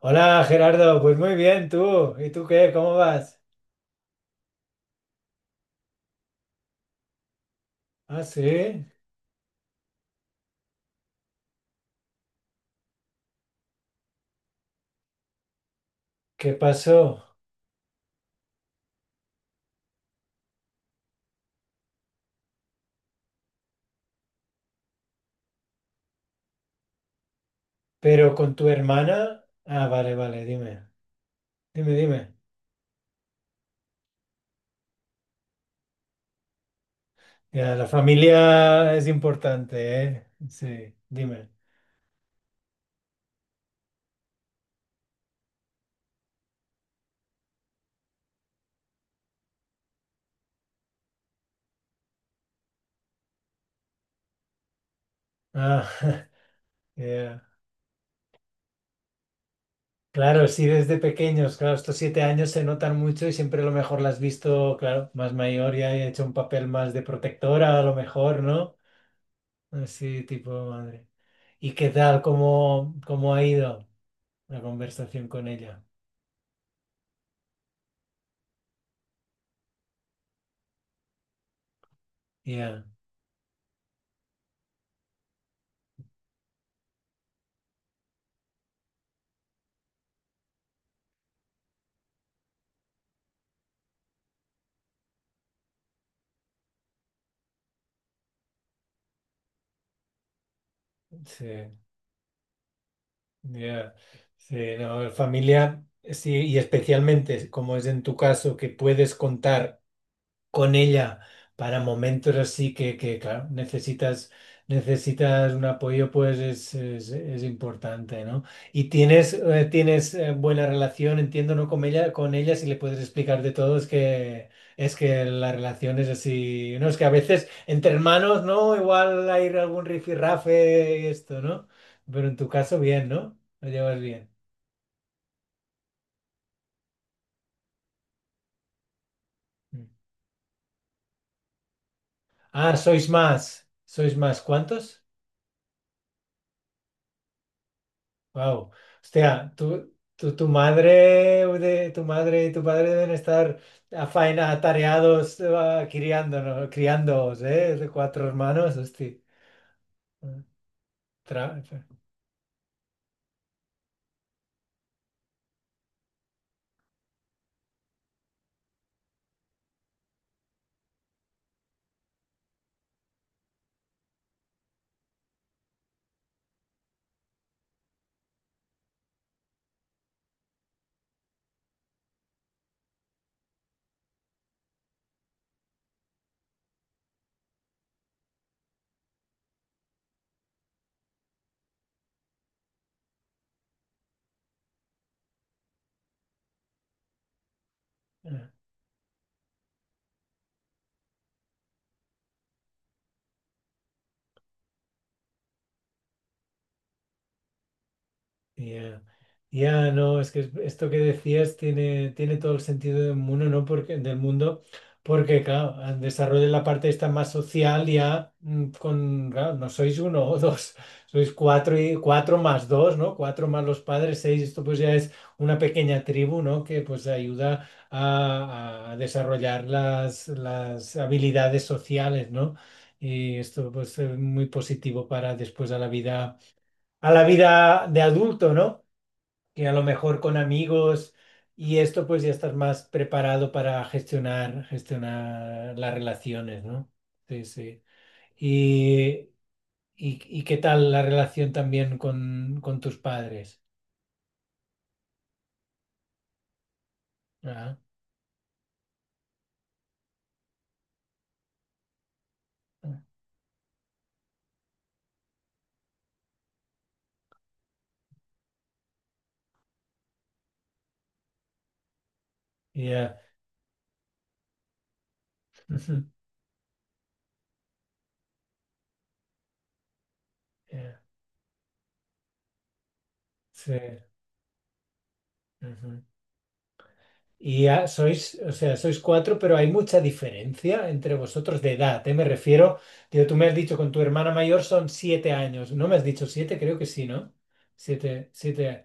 Hola Gerardo, pues muy bien tú. ¿Y tú qué? ¿Cómo vas? Ah, sí. ¿Qué pasó? ¿Pero con tu hermana? Ah, vale, vale, dime. Dime, dime. Ya, la familia es importante, ¿eh? Sí, dime. Ah, ya. Claro, sí, desde pequeños, claro, estos 7 años se notan mucho y siempre a lo mejor la has visto, claro, más mayor y ha hecho un papel más de protectora, a lo mejor, ¿no? Así, tipo madre. ¿Y qué tal? ¿Cómo ha ido una conversación con ella? Ya, sí, ya, sí, no, familia, sí, y especialmente como es en tu caso, que puedes contar con ella para momentos así que, claro, necesitas un apoyo, pues es importante, ¿no? Y tienes buena relación, entiendo, ¿no? Con ella, si le puedes explicar de todo, es que la relación es así, ¿no? Es que a veces entre hermanos, ¿no? Igual hay algún rifirrafe y esto, ¿no? Pero en tu caso, bien, ¿no? Lo llevas bien. Mm. Ah, sois más. ¿Sois más? ¿Cuántos? Wow. Hostia, tu, tu, tu madre tu madre y tu padre deben estar a faena, atareados, criándoos, ¿eh? De cuatro hermanos, hostia. Tra- tra- Ya, ya, no, es que esto que decías tiene todo el sentido del mundo, ¿no? Porque, del mundo, porque, claro, al desarrollo de la parte esta más social ya, con, claro, no sois uno o dos, sois cuatro y cuatro más dos, ¿no? Cuatro más los padres, seis, esto pues ya es una pequeña tribu, ¿no? Que pues ayuda a desarrollar las habilidades sociales, ¿no? Y esto pues es muy positivo para después a la vida, de adulto, ¿no? Que a lo mejor con amigos y esto pues ya estás más preparado para gestionar las relaciones, ¿no? Sí, sí. Y, y qué tal la relación también con tus padres? Ah, ya. Ujú, ya. Sí. Ujú. Y ya sois, o sea, sois cuatro, pero hay mucha diferencia entre vosotros de edad, ¿eh? Me refiero, digo, tú me has dicho con tu hermana mayor son 7 años, ¿no me has dicho siete? Creo que sí, ¿no? Siete, siete.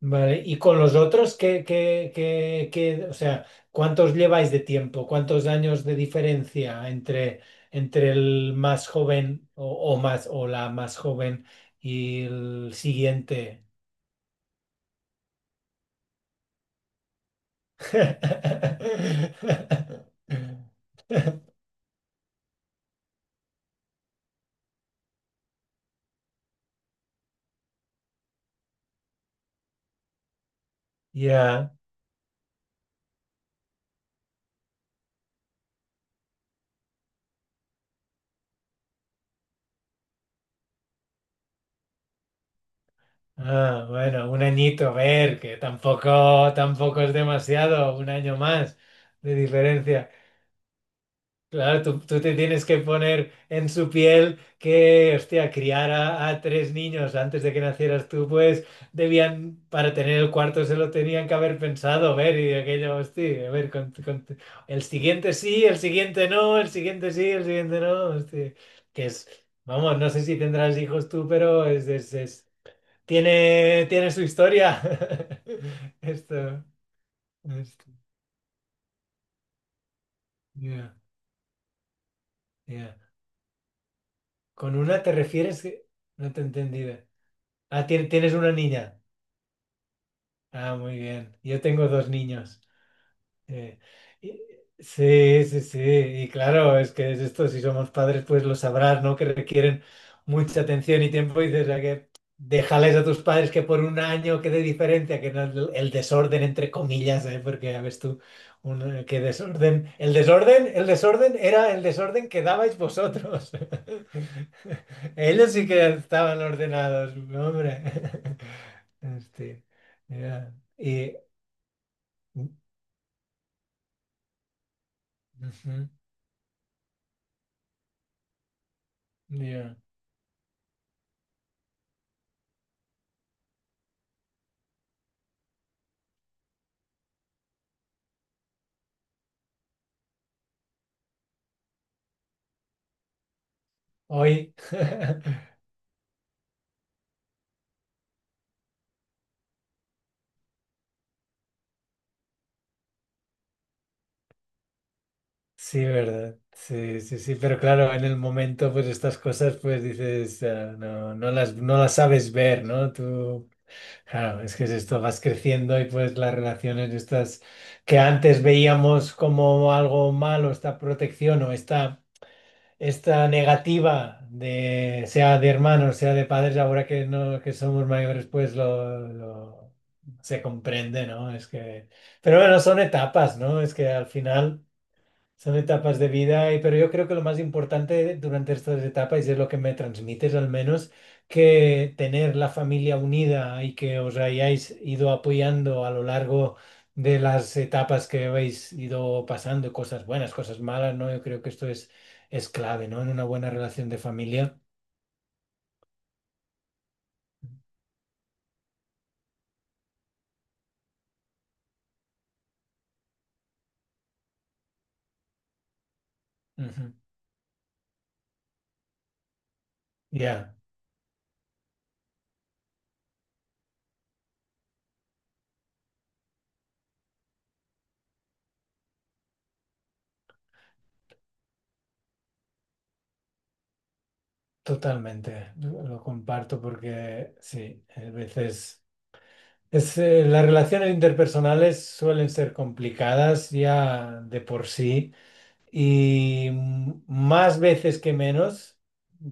Vale, y con los otros, o sea, cuántos lleváis de tiempo? ¿Cuántos años de diferencia entre el más joven o más o la más joven y el siguiente? Ya. Ah, bueno, un añito, a ver, que tampoco es demasiado, un año más de diferencia. Claro, tú te tienes que poner en su piel que, hostia, criar a tres niños antes de que nacieras tú, pues debían, para tener el cuarto se lo tenían que haber pensado, ver, y aquello, hostia, a ver, el siguiente sí, el siguiente no, el siguiente sí, el siguiente no, hostia, que es, vamos, no sé si tendrás hijos tú, pero tiene su historia. Esto, esto, ya, ya. Con una te refieres que... No te he entendido. Ah, tienes una niña. Ah, muy bien. Yo tengo dos niños. Eh, y- sí, sí, sí, y claro, es que es esto, si somos padres, pues lo sabrás, ¿no? Que requieren mucha atención y tiempo y dices, "Ah, que déjales a tus padres que por un año quede diferencia, que no el desorden, entre comillas, ¿eh? Porque ya ves tú, qué desorden, el desorden era el desorden que dabais vosotros. Ellos sí que estaban ordenados, no, hombre. Este, ya. Y... Ujú, ya. Hoy, sí, ¿verdad? Sí, sí, sí, pero claro, en el momento, pues estas cosas, pues dices, no, no las sabes ver, ¿no? Tú, claro, es que es esto, vas creciendo y pues las relaciones estas que antes veíamos como algo malo, esta protección o esta negativa de, sea de hermanos, sea de padres, ahora que no, que somos mayores, pues se comprende, ¿no? Es que, pero bueno, son etapas, ¿no? Es que al final... Son etapas de vida, pero yo creo que lo más importante durante estas etapas, y es lo que me transmites al menos, que tener la familia unida y que os hayáis ido apoyando a lo largo de las etapas que habéis ido pasando, cosas buenas, cosas malas, ¿no? Yo creo que esto es clave, ¿no? En una buena relación de familia. Ujú. Ya, totalmente. Lo comparto porque sí, a veces... Las relaciones interpersonales suelen ser complicadas ya de por sí y más veces que menos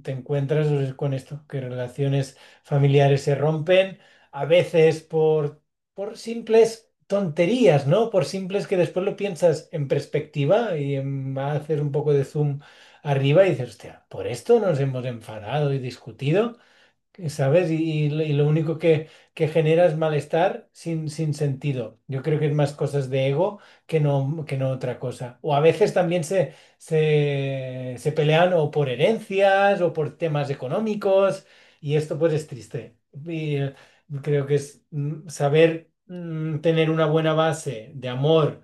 te encuentras pues, con esto, que relaciones familiares se rompen, a veces por simples tonterías, ¿no? Por simples que después lo piensas en perspectiva y haces un poco de zoom arriba y dices, hostia, por esto nos hemos enfadado y discutido. ¿Sabes? Y lo y lo único que genera es malestar sin sentido. Yo creo que es más cosas de ego que no otra cosa. O a veces también se pelean o por herencias o por temas económicos y esto pues es triste. Y creo que es saber tener una buena base de amor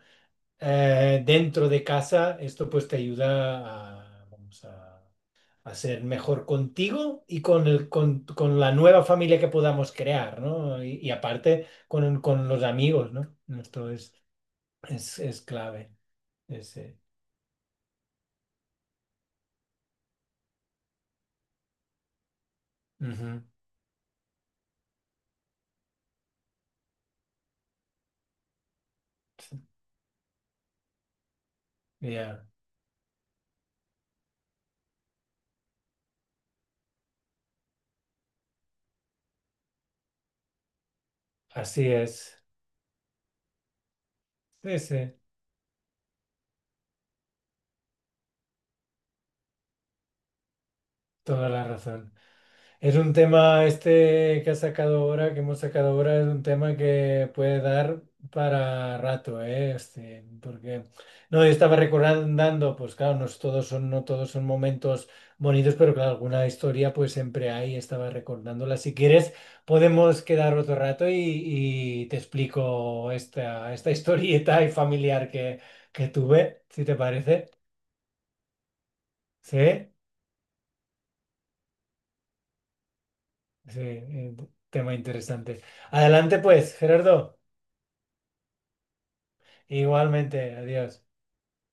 dentro de casa, esto pues te ayuda, vamos, a ser mejor contigo y con la nueva familia que podamos crear, ¿no? Y aparte con los amigos, ¿no? Esto es clave. Ese. Ujú. Sí, ya, así es. Sí, sí, toda la razón. Es un tema este que has sacado ahora, que hemos sacado ahora, es un tema que puede dar para rato, ¿eh? Este, porque no, yo estaba recordando, pues claro, no todos son momentos bonitos, pero claro, alguna historia pues siempre hay, estaba recordándola. Si quieres, podemos quedar otro rato y te explico esta historieta y familiar que tuve, si te parece. Sí, sí, tema interesante. Adelante pues, Gerardo. Igualmente, adiós.